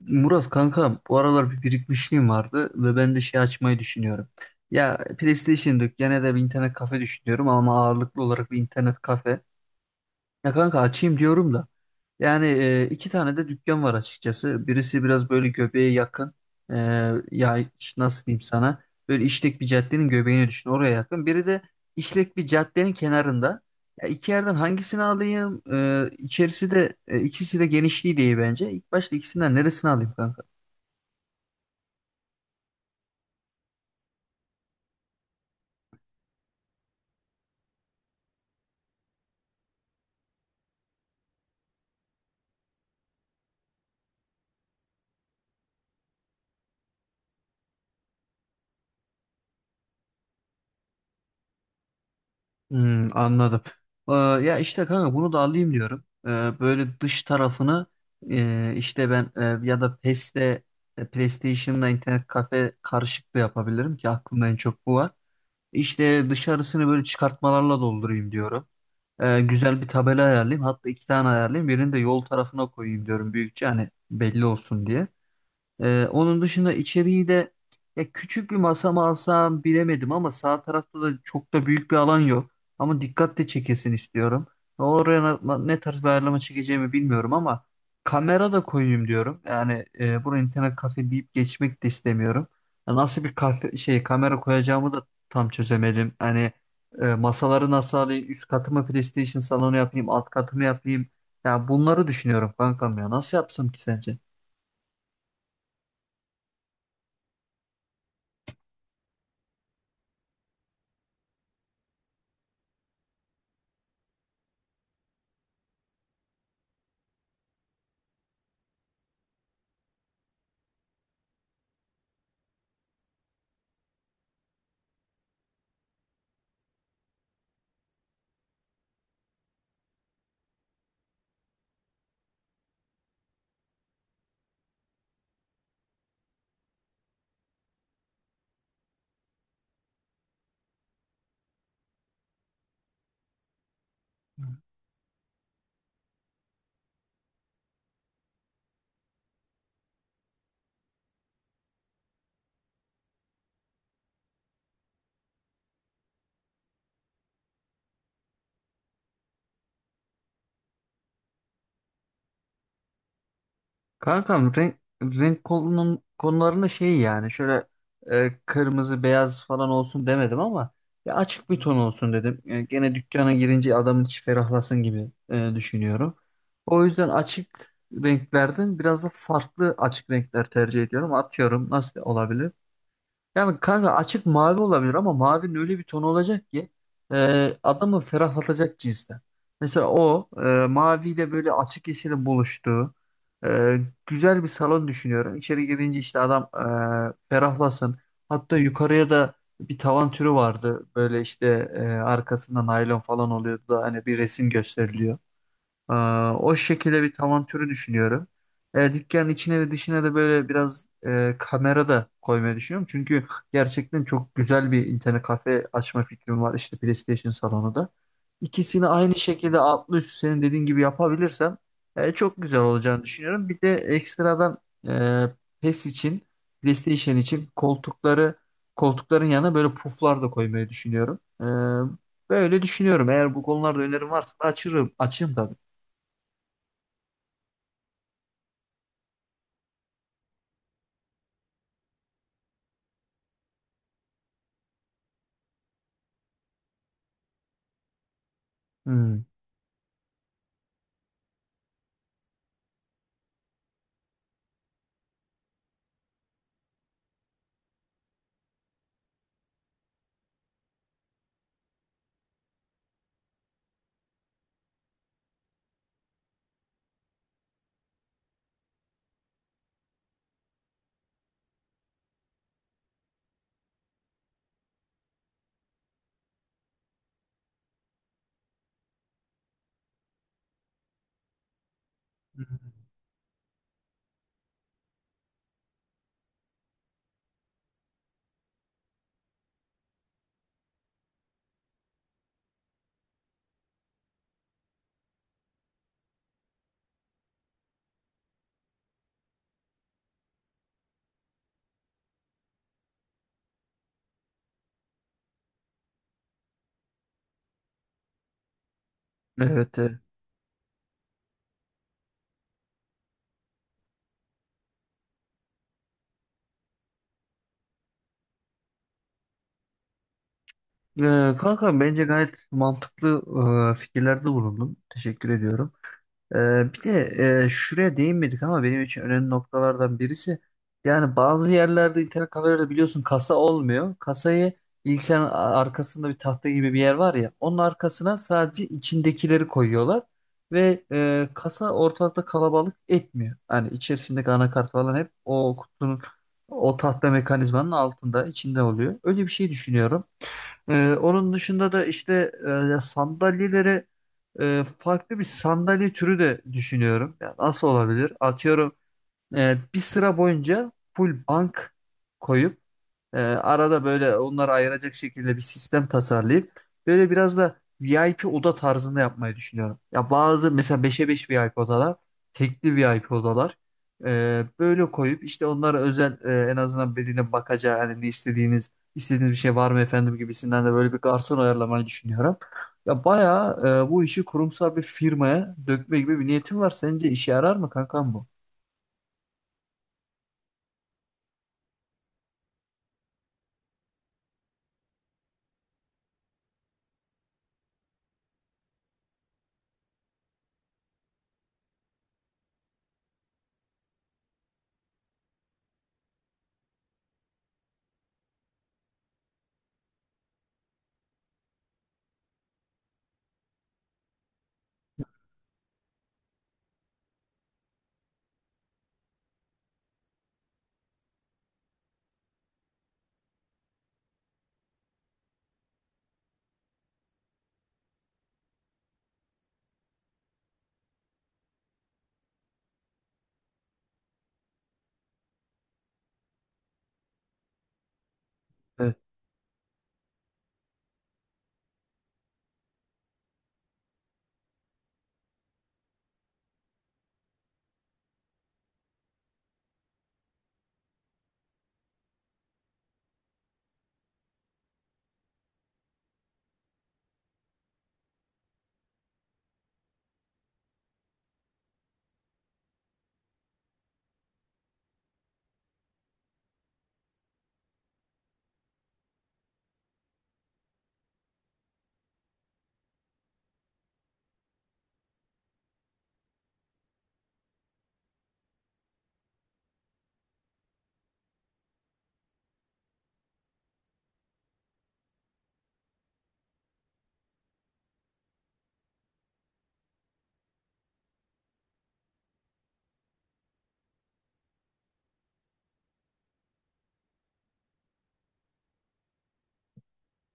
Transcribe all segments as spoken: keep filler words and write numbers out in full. Murat kanka bu aralar bir birikmişliğim vardı ve ben de şey açmayı düşünüyorum. Ya PlayStation yok gene de bir internet kafe düşünüyorum ama ağırlıklı olarak bir internet kafe. Ya kanka açayım diyorum da. Yani e, iki tane de dükkan var açıkçası. Birisi biraz böyle göbeğe yakın. E, ya iş- nasıl diyeyim sana? Böyle işlek bir caddenin göbeğini düşün oraya yakın. Biri de işlek bir caddenin kenarında. Ya iki yerden hangisini alayım? E, içerisi de e, ikisi de genişliği değil bence. İlk başta ikisinden neresini alayım kanka? Hmm, anladım. Ee, ya işte kanka bunu da alayım diyorum. Ee, böyle dış tarafını e, işte ben e, ya da PES'te e, PlayStation'la internet kafe karışık da yapabilirim ki aklımda en çok bu var. İşte dışarısını böyle çıkartmalarla doldurayım diyorum. Ee, güzel bir tabela ayarlayayım. Hatta iki tane ayarlayayım. Birini de yol tarafına koyayım diyorum büyükçe hani belli olsun diye. Ee, onun dışında içeriği de ya küçük bir masa mı alsam bilemedim ama sağ tarafta da çok da büyük bir alan yok. Ama dikkat de çekesin istiyorum. Oraya na- ne tarz bir ayarlama çekeceğimi bilmiyorum ama kamera da koyayım diyorum. Yani e, buraya internet kafe deyip geçmek de istemiyorum. Ya nasıl bir kafe şey kamera koyacağımı da tam çözemedim. Hani e, masaları nasıl alayım? Üst katı mı PlayStation salonu yapayım? Alt katı mı yapayım? Ya bunları düşünüyorum kankam ya. Nasıl yapsam ki sence? Kankam renk, renk konunun, konularında şey yani şöyle e, kırmızı beyaz falan olsun demedim ama ya açık bir ton olsun dedim. E, gene dükkana girince adamın içi ferahlasın gibi e, düşünüyorum. O yüzden açık renklerden biraz da farklı açık renkler tercih ediyorum. Atıyorum nasıl olabilir? Yani kanka açık mavi olabilir ama mavinin öyle bir tonu olacak ki e, adamı ferahlatacak cinsten. Mesela o e, maviyle böyle açık yeşilin buluştuğu e, güzel bir salon düşünüyorum. İçeri girince işte adam e, ferahlasın. Hatta yukarıya da bir tavan türü vardı. Böyle işte e, arkasında naylon falan oluyordu da hani bir resim gösteriliyor. Ee, o şekilde bir tavan türü düşünüyorum. E, dükkanın içine ve dışına da böyle biraz e, kamera da koymayı düşünüyorum. Çünkü gerçekten çok güzel bir internet kafe açma fikrim var. İşte PlayStation salonu da. İkisini aynı şekilde altlı üstü senin dediğin gibi yapabilirsem e, çok güzel olacağını düşünüyorum. Bir de ekstradan e, PES için, PlayStation için koltukları koltukların yanına böyle puflar da koymayı düşünüyorum. E, böyle düşünüyorum. Eğer bu konularda önerim varsa da açırım, açayım tabii. Hmm. Evet, evet. Ee, kanka bence gayet mantıklı e, fikirlerde bulundun. Teşekkür ediyorum. Ee, bir de e, şuraya değinmedik ama benim için önemli noktalardan birisi yani bazı yerlerde internet kafelerde biliyorsun kasa olmuyor. Kasayı bilgisayarın a- arkasında bir tahta gibi bir yer var ya onun arkasına sadece içindekileri koyuyorlar ve e, kasa ortalıkta kalabalık etmiyor. Hani içerisindeki anakart falan hep o kutunun o tahta mekanizmanın altında içinde oluyor. Öyle bir şey düşünüyorum. Ee, onun dışında da işte e, sandalyeleri e, farklı bir sandalye türü de düşünüyorum. Yani nasıl olabilir? Atıyorum e, bir sıra boyunca full bank koyup ee, arada böyle onları ayıracak şekilde bir sistem tasarlayıp böyle biraz da VIP oda tarzında yapmayı düşünüyorum. Ya bazı mesela beşe beş VIP odalar, tekli VIP odalar ee, böyle koyup işte onlara özel e, en azından birine bakacağı hani ne istediğiniz istediğiniz bir şey var mı efendim gibisinden de böyle bir garson ayarlamayı düşünüyorum. Ya bayağı e, bu işi kurumsal bir firmaya dökme gibi bir niyetim var. Sence işe yarar mı kankam bu? Evet.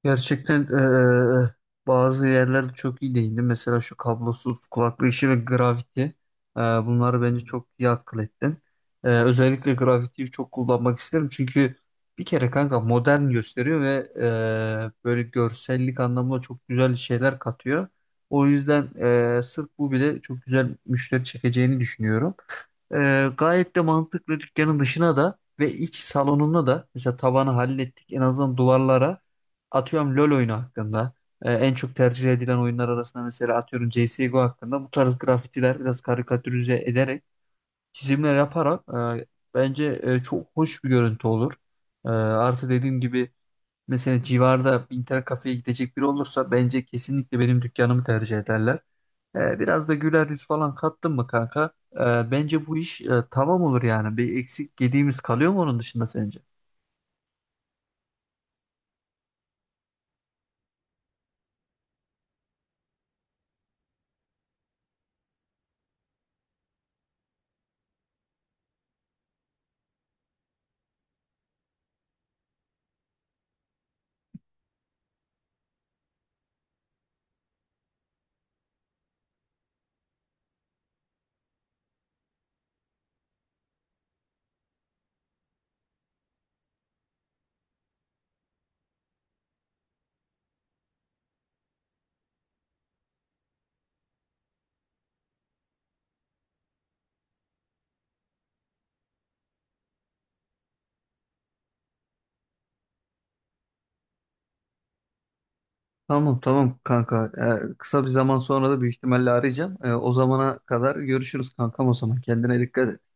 Gerçekten eee, bazı yerlerde çok iyi değindi. Mesela şu kablosuz kulaklık işi ve Gravity. Eee, bunları bence çok iyi akıl ettin. Eee, özellikle Gravity'yi çok kullanmak isterim. Çünkü bir kere kanka modern gösteriyor ve eee, böyle görsellik anlamında çok güzel şeyler katıyor. O yüzden eee sırf bu bile çok güzel müşteri çekeceğini düşünüyorum. Ee, gayet de mantıklı dükkanın dışına da ve iç salonuna da mesela tavanı hallettik en azından duvarlara atıyorum LoL oyunu hakkında, e, en çok tercih edilen oyunlar arasında mesela atıyorum C S G O hakkında bu tarz grafitiler biraz karikatürize ederek çizimler yaparak e, bence e, çok hoş bir görüntü olur. E, artı dediğim gibi mesela civarda bir internet kafeye gidecek biri olursa bence kesinlikle benim dükkanımı tercih ederler. E, biraz da güler yüz falan kattın mı kanka? E, bence bu iş e, tamam olur yani. Bir eksik gediğimiz kalıyor mu onun dışında sence? Tamam, tamam, kanka. Ee, kısa bir zaman sonra da büyük ihtimalle arayacağım. Ee, o zamana kadar görüşürüz kankam o zaman. Kendine dikkat et.